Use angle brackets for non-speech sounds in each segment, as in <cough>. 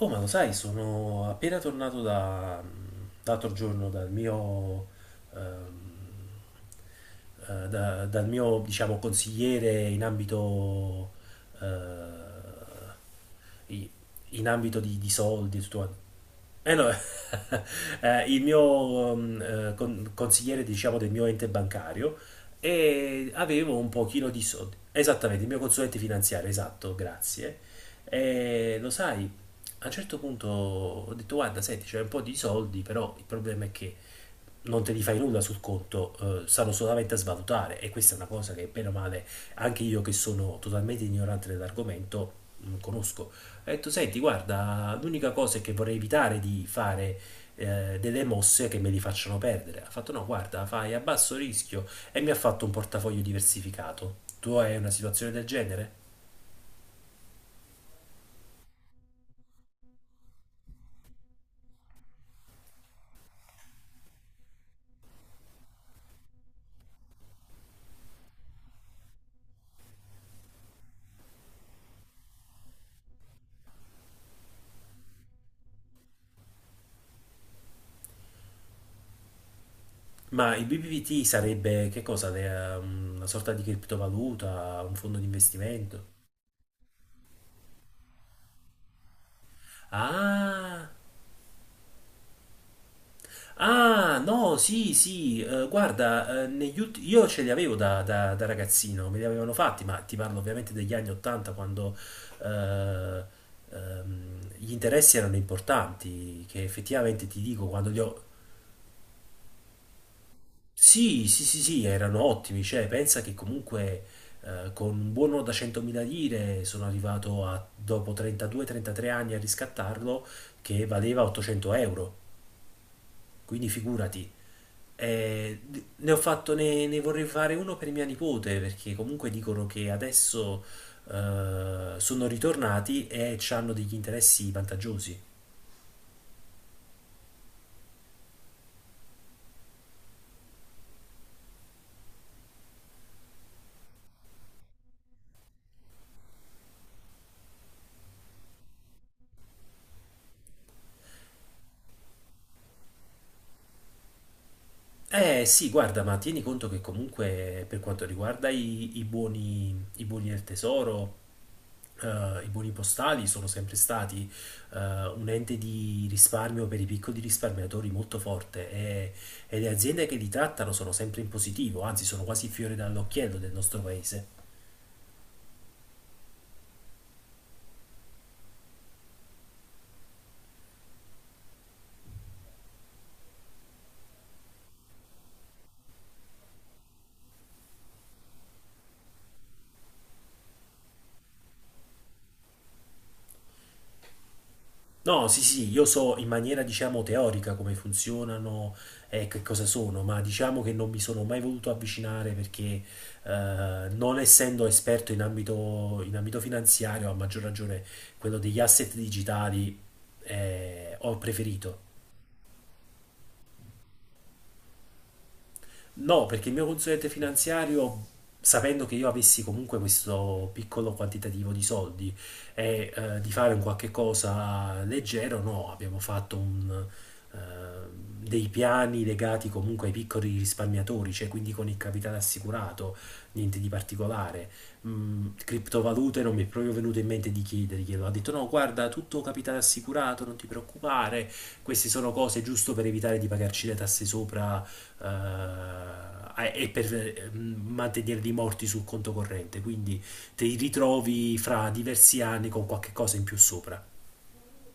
Oh, ma lo sai, sono appena tornato da, l'altro giorno dal mio, ehm, dal mio, diciamo, consigliere in ambito, eh, i- in ambito di soldi e tutto quanto. Eh no, <laughs> il mio consigliere, diciamo, del mio ente bancario e avevo un pochino di soldi. Esattamente, il mio consulente finanziario, esatto, grazie. E lo sai, a un certo punto ho detto, guarda, senti, c'è un po' di soldi, però il problema è che non te li fai nulla sul conto, stanno solamente a svalutare e questa è una cosa che bene o male anche io che sono totalmente ignorante dell'argomento non conosco. Ho detto, senti, guarda, l'unica cosa è che vorrei evitare di fare delle mosse che me li facciano perdere. Ha fatto, no, guarda, fai a basso rischio e mi ha fatto un portafoglio diversificato. Tu hai una situazione del genere? Ma il BBVT sarebbe che cosa? Una sorta di criptovaluta, un fondo di investimento? Ah, ah, no, sì, sì, guarda, io ce li avevo da, da ragazzino, me li avevano fatti, ma ti parlo ovviamente degli anni 80 quando eh, gli interessi erano importanti, che effettivamente ti dico, quando li ho. Sì, sì, sì, sì, erano ottimi, cioè pensa che comunque con un buono da 100.000 lire sono arrivato a, dopo 32-33 anni a riscattarlo che valeva 800 euro, quindi figurati. Eh, ne ho fatto, ne, ne vorrei fare uno per mia nipote perché comunque dicono che adesso sono ritornati e hanno degli interessi vantaggiosi. Eh sì, guarda, ma tieni conto che comunque per quanto riguarda i buoni del tesoro... i buoni postali sono sempre stati eh, un ente di risparmio per i piccoli risparmiatori molto forte e le aziende che li trattano sono sempre in positivo, anzi sono quasi fiore dall'occhiello del nostro paese. No, sì, sì, sì, io so in maniera diciamo teorica come funzionano e che cosa sono, ma diciamo che non mi sono mai voluto avvicinare perché non essendo esperto in ambito finanziario, a maggior ragione quello degli asset digitali, ho preferito. No, perché il mio consulente finanziario, sapendo che io avessi comunque questo piccolo quantitativo di soldi e di fare un qualche cosa leggero, no, abbiamo fatto eh, dei piani legati comunque ai piccoli risparmiatori, cioè quindi con il capitale assicurato, niente di particolare. Mm, criptovalute non mi è proprio venuto in mente di chiederglielo. Ha detto no, guarda, tutto capitale assicurato, non ti preoccupare, queste sono cose giusto per evitare di pagarci le tasse sopra e per mantenere dei morti sul conto corrente, quindi ti ritrovi fra diversi anni con qualche cosa in più sopra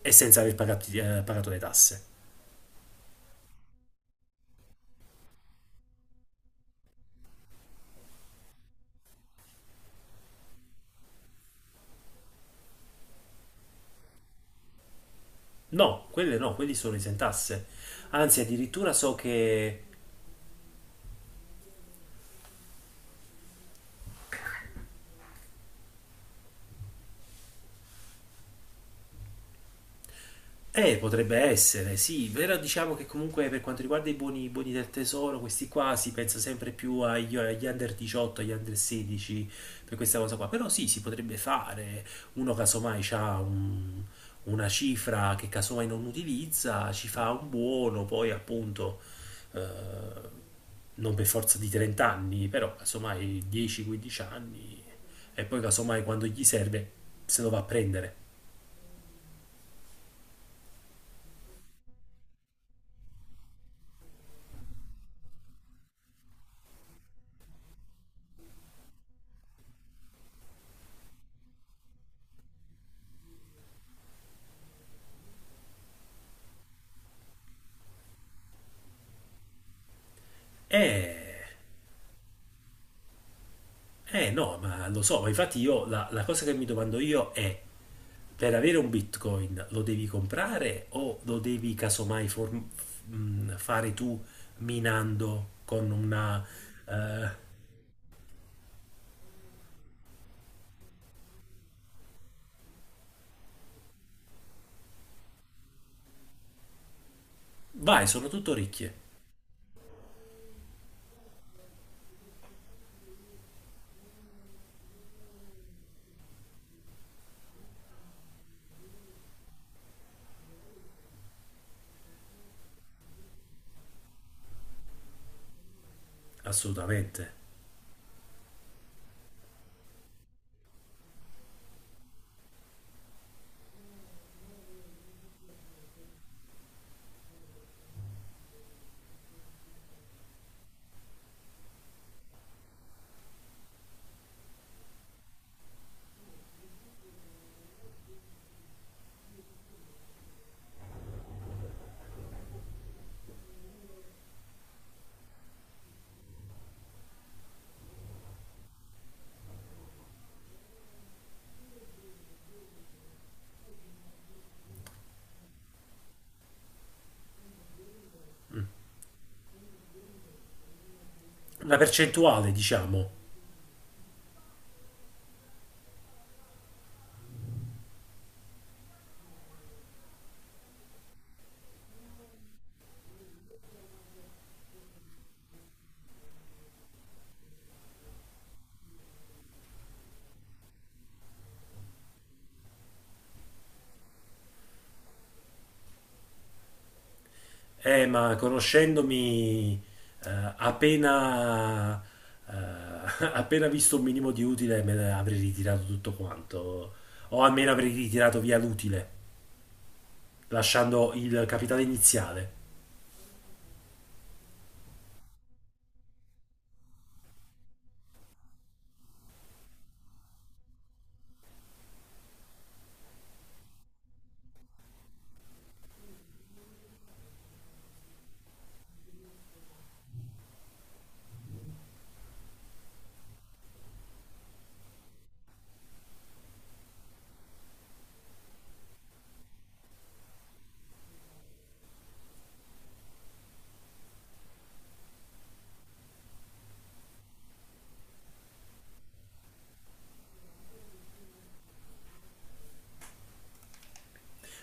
e senza aver pagato le tasse. No, quelle no, quelli sono esentasse. Anzi, addirittura so che... potrebbe essere, sì, però diciamo che comunque per quanto riguarda i buoni del tesoro, questi qua si pensa sempre più agli under 18, agli under 16, per questa cosa qua, però sì, si potrebbe fare, uno casomai ha una cifra che casomai non utilizza, ci fa un buono, poi appunto, eh, non per forza di 30 anni, però casomai 10-15 anni, e poi casomai quando gli serve se lo va a prendere. Eh... Eh no, ma lo so, ma infatti io la cosa che mi domando io è, per avere un Bitcoin lo devi comprare o lo devi casomai fare tu minando con una... eh, vai, sono tutto ricche, assolutamente. Una percentuale, diciamo. Ma conoscendomi, eh, appena, <laughs> appena visto un minimo di utile me ne avrei ritirato tutto quanto, o almeno avrei ritirato via l'utile, lasciando il capitale iniziale.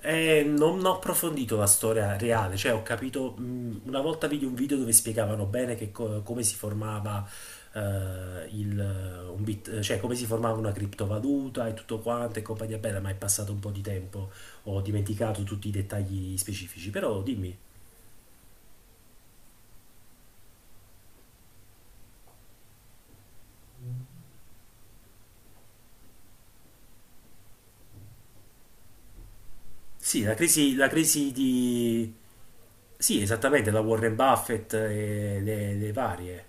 E non ho approfondito la storia reale, cioè ho capito, una volta vidi un video dove spiegavano bene come si formava cioè come si formava una criptovaluta e tutto quanto e compagnia bella, ma è passato un po' di tempo, ho dimenticato tutti i dettagli specifici, però dimmi. Sì, la crisi di... Sì, esattamente, la Warren Buffett e le varie.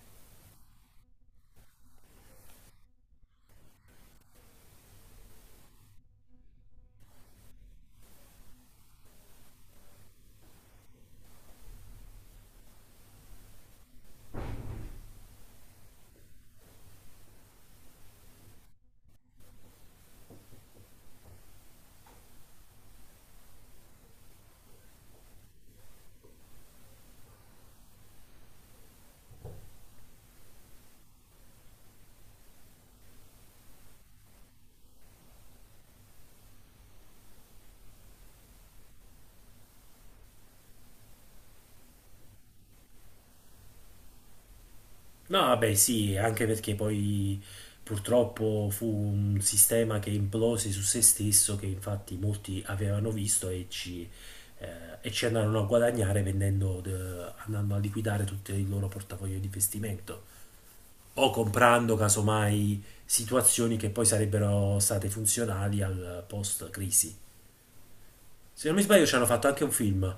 No, vabbè, sì, anche perché poi purtroppo fu un sistema che implose su se stesso, che infatti molti avevano visto e eh, e ci andarono a guadagnare vendendo, de- andando a liquidare tutto il loro portafoglio di investimento o comprando casomai situazioni che poi sarebbero state funzionali al post-crisi. Se non mi sbaglio, ci hanno fatto anche un film.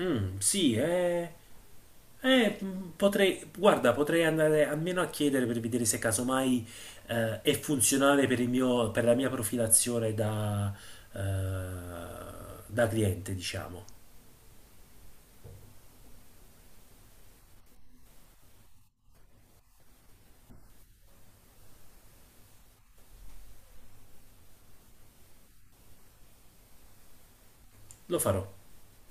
Mm, sì, eh. Potrei, guarda, potrei andare almeno a chiedere per vedere se casomai è funzionale per il mio, per la mia profilazione da, eh, da cliente, diciamo. Lo farò.